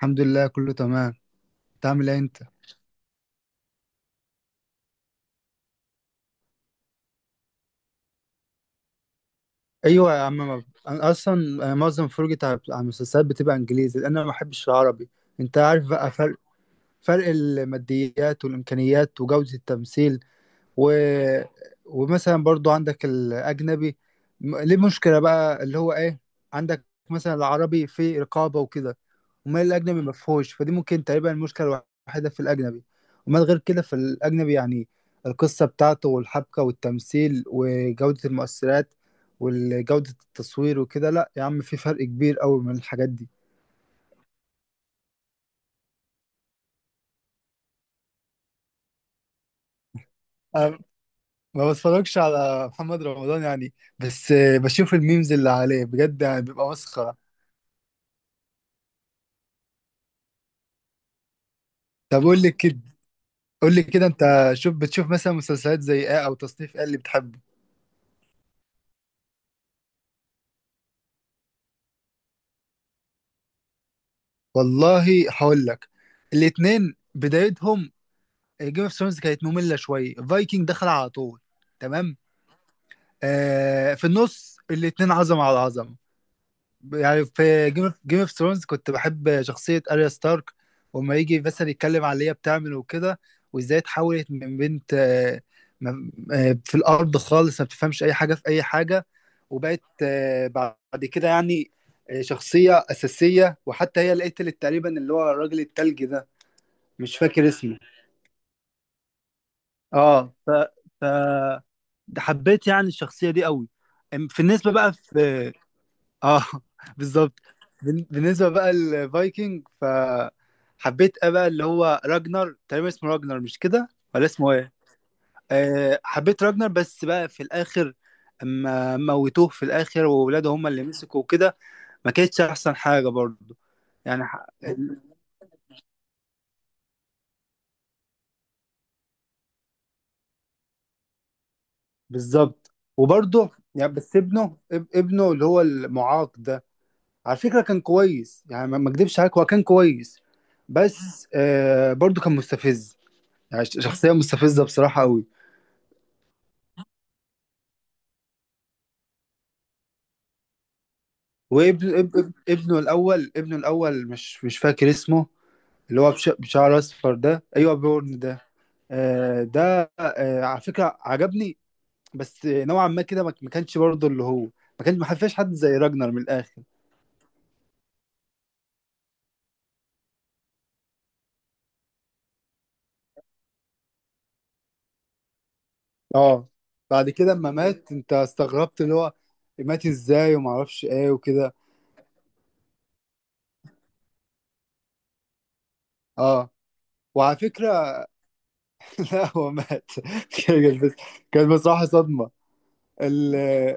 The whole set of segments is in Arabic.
الحمد لله، كله تمام. انت عامل ايه انت؟ ايوه يا عم، انا اصلا معظم فرجتي على المسلسلات بتبقى انجليزي لان انا ما بحبش العربي. انت عارف بقى فرق الماديات والامكانيات وجوده التمثيل. و... ومثلا برضو عندك الاجنبي. ليه مشكله بقى اللي هو ايه؟ عندك مثلا العربي فيه رقابه وكده. امال الاجنبي ما فيهوش، فدي ممكن تقريبا المشكله الوحيده في الاجنبي. امال غير كده في الاجنبي يعني القصه بتاعته والحبكه والتمثيل وجوده المؤثرات وجوده التصوير وكده. لا يا عم، في فرق كبير قوي من الحاجات دي. أنا ما بتفرجش على محمد رمضان يعني، بس بشوف الميمز اللي عليه بجد يعني بيبقى مسخره. طب قول لي كده انت، بتشوف مثلا مسلسلات زي ايه او تصنيف ايه اللي بتحبه؟ والله هقول لك، الاتنين بدايتهم، جيم اوف ثرونز كانت ممله شويه، فايكنج دخل على طول. تمام. في النص الاتنين عظمه على عظمه. يعني في جيم اوف ثرونز كنت بحب شخصيه اريا ستارك، وما يجي مثلا يتكلم على اللي هي بتعمل وكده. وازاي اتحولت من بنت، في الارض خالص ما بتفهمش اي حاجه في اي حاجه. وبقت بعد كده يعني شخصيه اساسيه، وحتى هي اللي قتلت تقريبا اللي هو الراجل التلجي ده، مش فاكر اسمه. اه، ف ف ده حبيت يعني الشخصيه دي قوي. في النسبه بقى في. اه، بالظبط. بالنسبه بقى الفايكنج ف حبيت إيه بقى، اللي هو راجنر تقريبا اسمه، راجنر مش كده ولا اسمه ايه؟ حبيت راجنر. بس بقى في الاخر اما موتوه في الاخر وولاده هم اللي مسكوا وكده، ما كانتش احسن حاجه برضه، يعني بالظبط. وبرضه يعني بس ابنه، ابنه اللي هو المعاق ده، على فكرة كان كويس، يعني ما اكدبش عليك هو كان كويس. بس برضو كان مستفز، يعني شخصية مستفزة بصراحة قوي. وابن اب اب ابنه الأول مش فاكر اسمه، اللي هو بشعر أصفر ده. أيوه بيورن ده. ده على فكرة عجبني، بس نوعا ما كده ما كانش برضو اللي هو ما كانش، ما حرفش حد زي راجنر من الآخر. اه، بعد كده اما مات انت استغربت اللي هو مات ازاي وما اعرفش ايه وكده. اه، وعلى فكرة لا هو مات. بس كانت بصراحة صدمة. ال-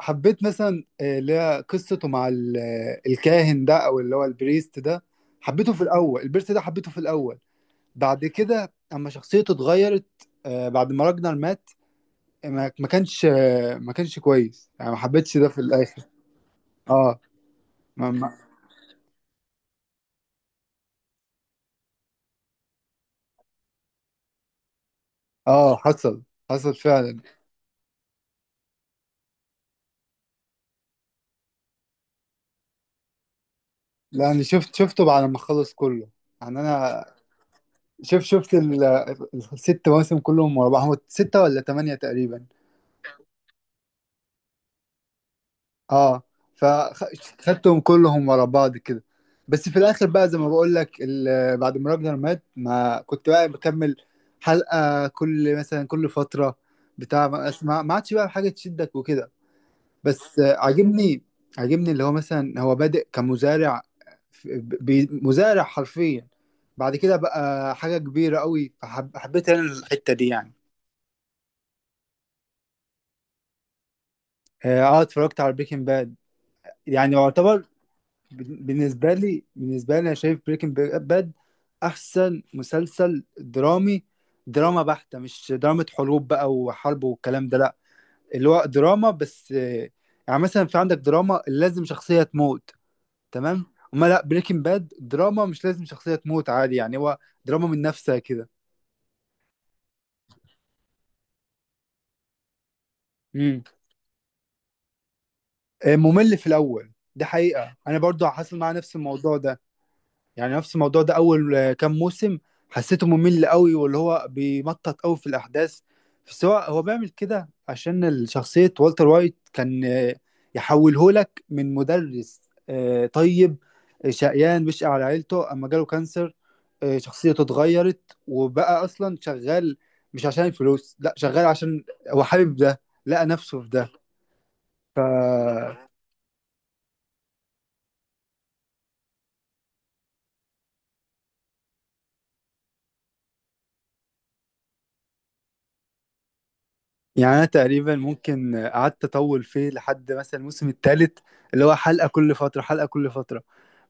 حبيت مثلا اللي هي قصته مع الكاهن ده او اللي هو البريست ده. حبيته في الاول، البريست ده حبيته في الاول. بعد كده اما شخصيته اتغيرت، بعد ما راجنر مات، ما كانش ما كانش كويس يعني ما حبيتش ده في الاخر. اه، ما ما اه حصل حصل فعلا. لا انا شفته بعد ما خلص كله. يعني انا شفت الست مواسم كلهم ورا بعض، هو ستة ولا تمانية تقريبا. اه، فخدتهم كلهم ورا بعض كده. بس في الاخر بقى زي ما بقول لك، بعد ما راجنر مات ما كنت بقى بكمل حلقة كل، مثلا، كل فترة، بتاع ما اسمع ما عادش بقى حاجة تشدك وكده. بس عاجبني اللي هو مثلا هو بادئ كمزارع، مزارع حرفيا. بعد كده بقى حاجة كبيرة قوي، حبيت انا الحتة دي يعني. اه، اتفرجت على بريكنج باد. يعني يعتبر، بالنسبه لي انا شايف بريكنج باد احسن مسلسل درامي. دراما بحتة، مش دراما حروب بقى وحرب والكلام ده، لا. اللي هو دراما بس يعني مثلا في عندك دراما لازم شخصية تموت. تمام. اما لا، بريكنج باد دراما مش لازم شخصية تموت عادي، يعني هو دراما من نفسها كده. امم ممل في الاول، دي حقيقة انا برضو حصل معايا نفس الموضوع ده. يعني نفس الموضوع ده، اول كام موسم حسيته ممل قوي، واللي هو بيمطط قوي في الاحداث. بس هو بيعمل كده عشان شخصية والتر وايت كان يحوله لك من مدرس طيب شقيان بيشقى على عيلته، اما جاله كانسر. شخصيته اتغيرت وبقى اصلا شغال، مش عشان الفلوس، لا، شغال عشان هو حابب ده، لقى نفسه في ده. يعني أنا تقريبا ممكن قعدت أطول فيه لحد مثلا الموسم الثالث، اللي هو حلقة كل فترة، حلقة كل فترة.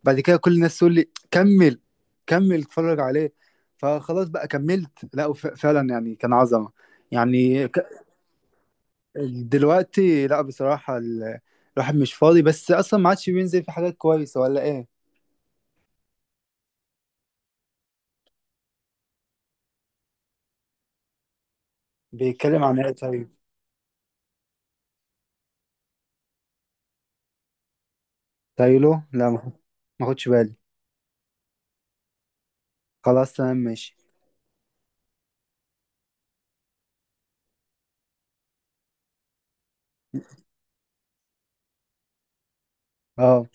بعد كده كل الناس تقول لي كمل كمل اتفرج عليه. فخلاص بقى كملت. لا فعلا يعني كان عظمة. يعني دلوقتي لا بصراحة، الواحد مش فاضي، بس أصلا ما عادش بينزل في حاجات كويسة ولا إيه. بيتكلم عن إيه طيب؟ تايلو، لا، ما خدش بالي. خلاص تمام ماشي. اه.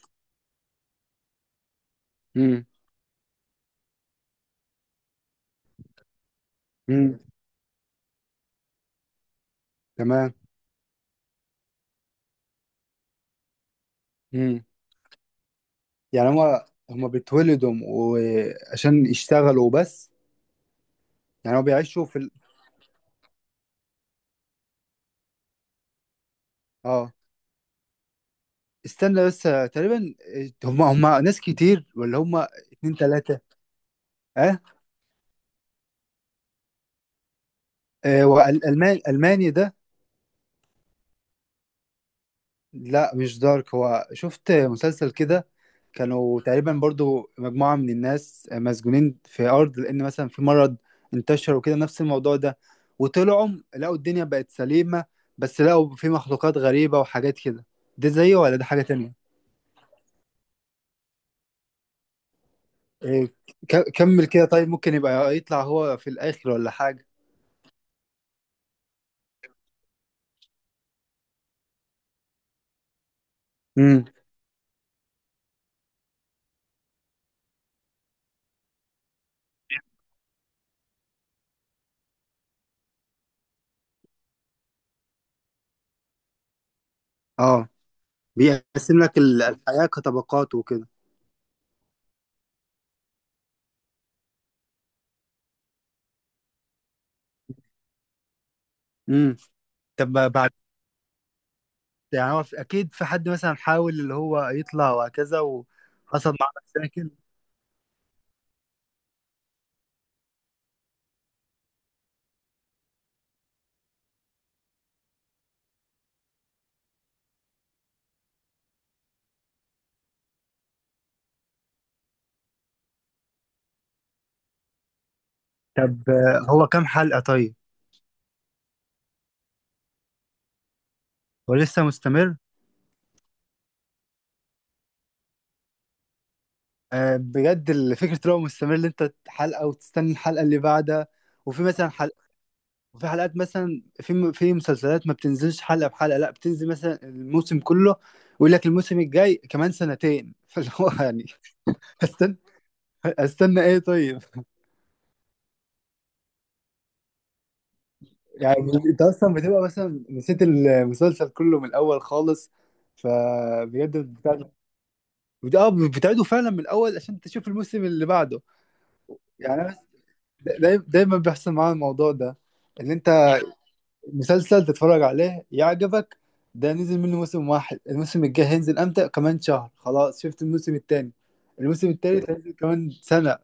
امم. امم. تمام. امم. يعني هما بيتولدوا وعشان يشتغلوا بس؟ يعني هما بيعيشوا في اه. استنى بس، تقريبا هما ناس كتير ولا هما اتنين تلاتة؟ اه، والألمان، ألماني ده؟ لا مش دارك، هو شفت مسلسل كده، كانوا تقريبا برضو مجموعة من الناس مسجونين في أرض لأن مثلا في مرض انتشر وكده، نفس الموضوع ده، وطلعوا لقوا الدنيا بقت سليمة، بس لقوا في مخلوقات غريبة وحاجات كده. ده زيه ولا ده حاجة تانية؟ إيه، كمل كده طيب. ممكن يبقى يطلع هو في الآخر ولا حاجة؟ امم، اه. بيقسم لك الحياة كطبقات وكده. امم طب ما بعد، يعني هو أكيد في حد مثلا حاول اللي هو يطلع وهكذا وحصل معاه مشاكل. طب، هو كام حلقة طيب؟ هو لسه مستمر؟ بجد فكرة اللي هو مستمر، اللي أنت حلقة وتستنى الحلقة اللي بعدها، وفي مثلا حلقة وفي حلقات مثلا في مسلسلات ما بتنزلش حلقة بحلقة، لا، بتنزل مثلا الموسم كله، ويقول لك الموسم الجاي كمان سنتين. فاللي هو يعني، استنى استنى ايه طيب؟ يعني انت اصلا بتبقى مثلا نسيت المسلسل كله من الاول خالص، فبجد بتعيد. اه، بتعيده فعلا من الاول عشان تشوف الموسم اللي بعده. يعني أنا دايما دايما بيحصل معايا الموضوع ده، اللي انت مسلسل تتفرج عليه يعجبك، ده نزل منه موسم واحد، الموسم الجاي هينزل امتى، كمان شهر، خلاص شفت الموسم التاني، الموسم التالت هينزل كمان سنة.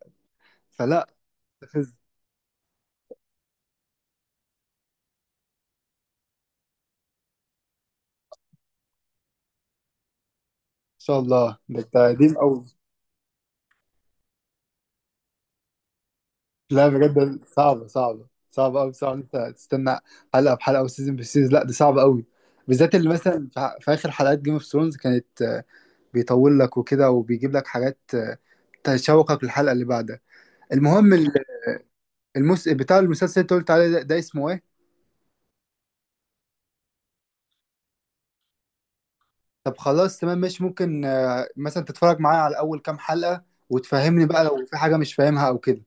فلا. تخز ان شاء الله، ده انت قديم قوي. لا بجد، صعبة صعبة صعبة قوي، صعب انت تستنى حلقة بحلقة وسيزون بسيزون، لا ده صعب قوي، بالذات اللي مثلا في اخر حلقات جيم اوف ثرونز كانت بيطول لك وكده وبيجيب لك حاجات تشوقك للحلقة اللي بعدها. المهم بتاع المسلسل اللي انت قلت عليه ده اسمه ايه؟ طب خلاص تمام ماشي. ممكن مثلا تتفرج معايا على اول كام حلقة، وتفهمني بقى لو في حاجة مش فاهمها او كده.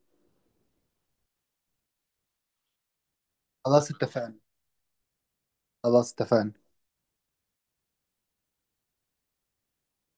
خلاص اتفقنا. خلاص اتفقنا.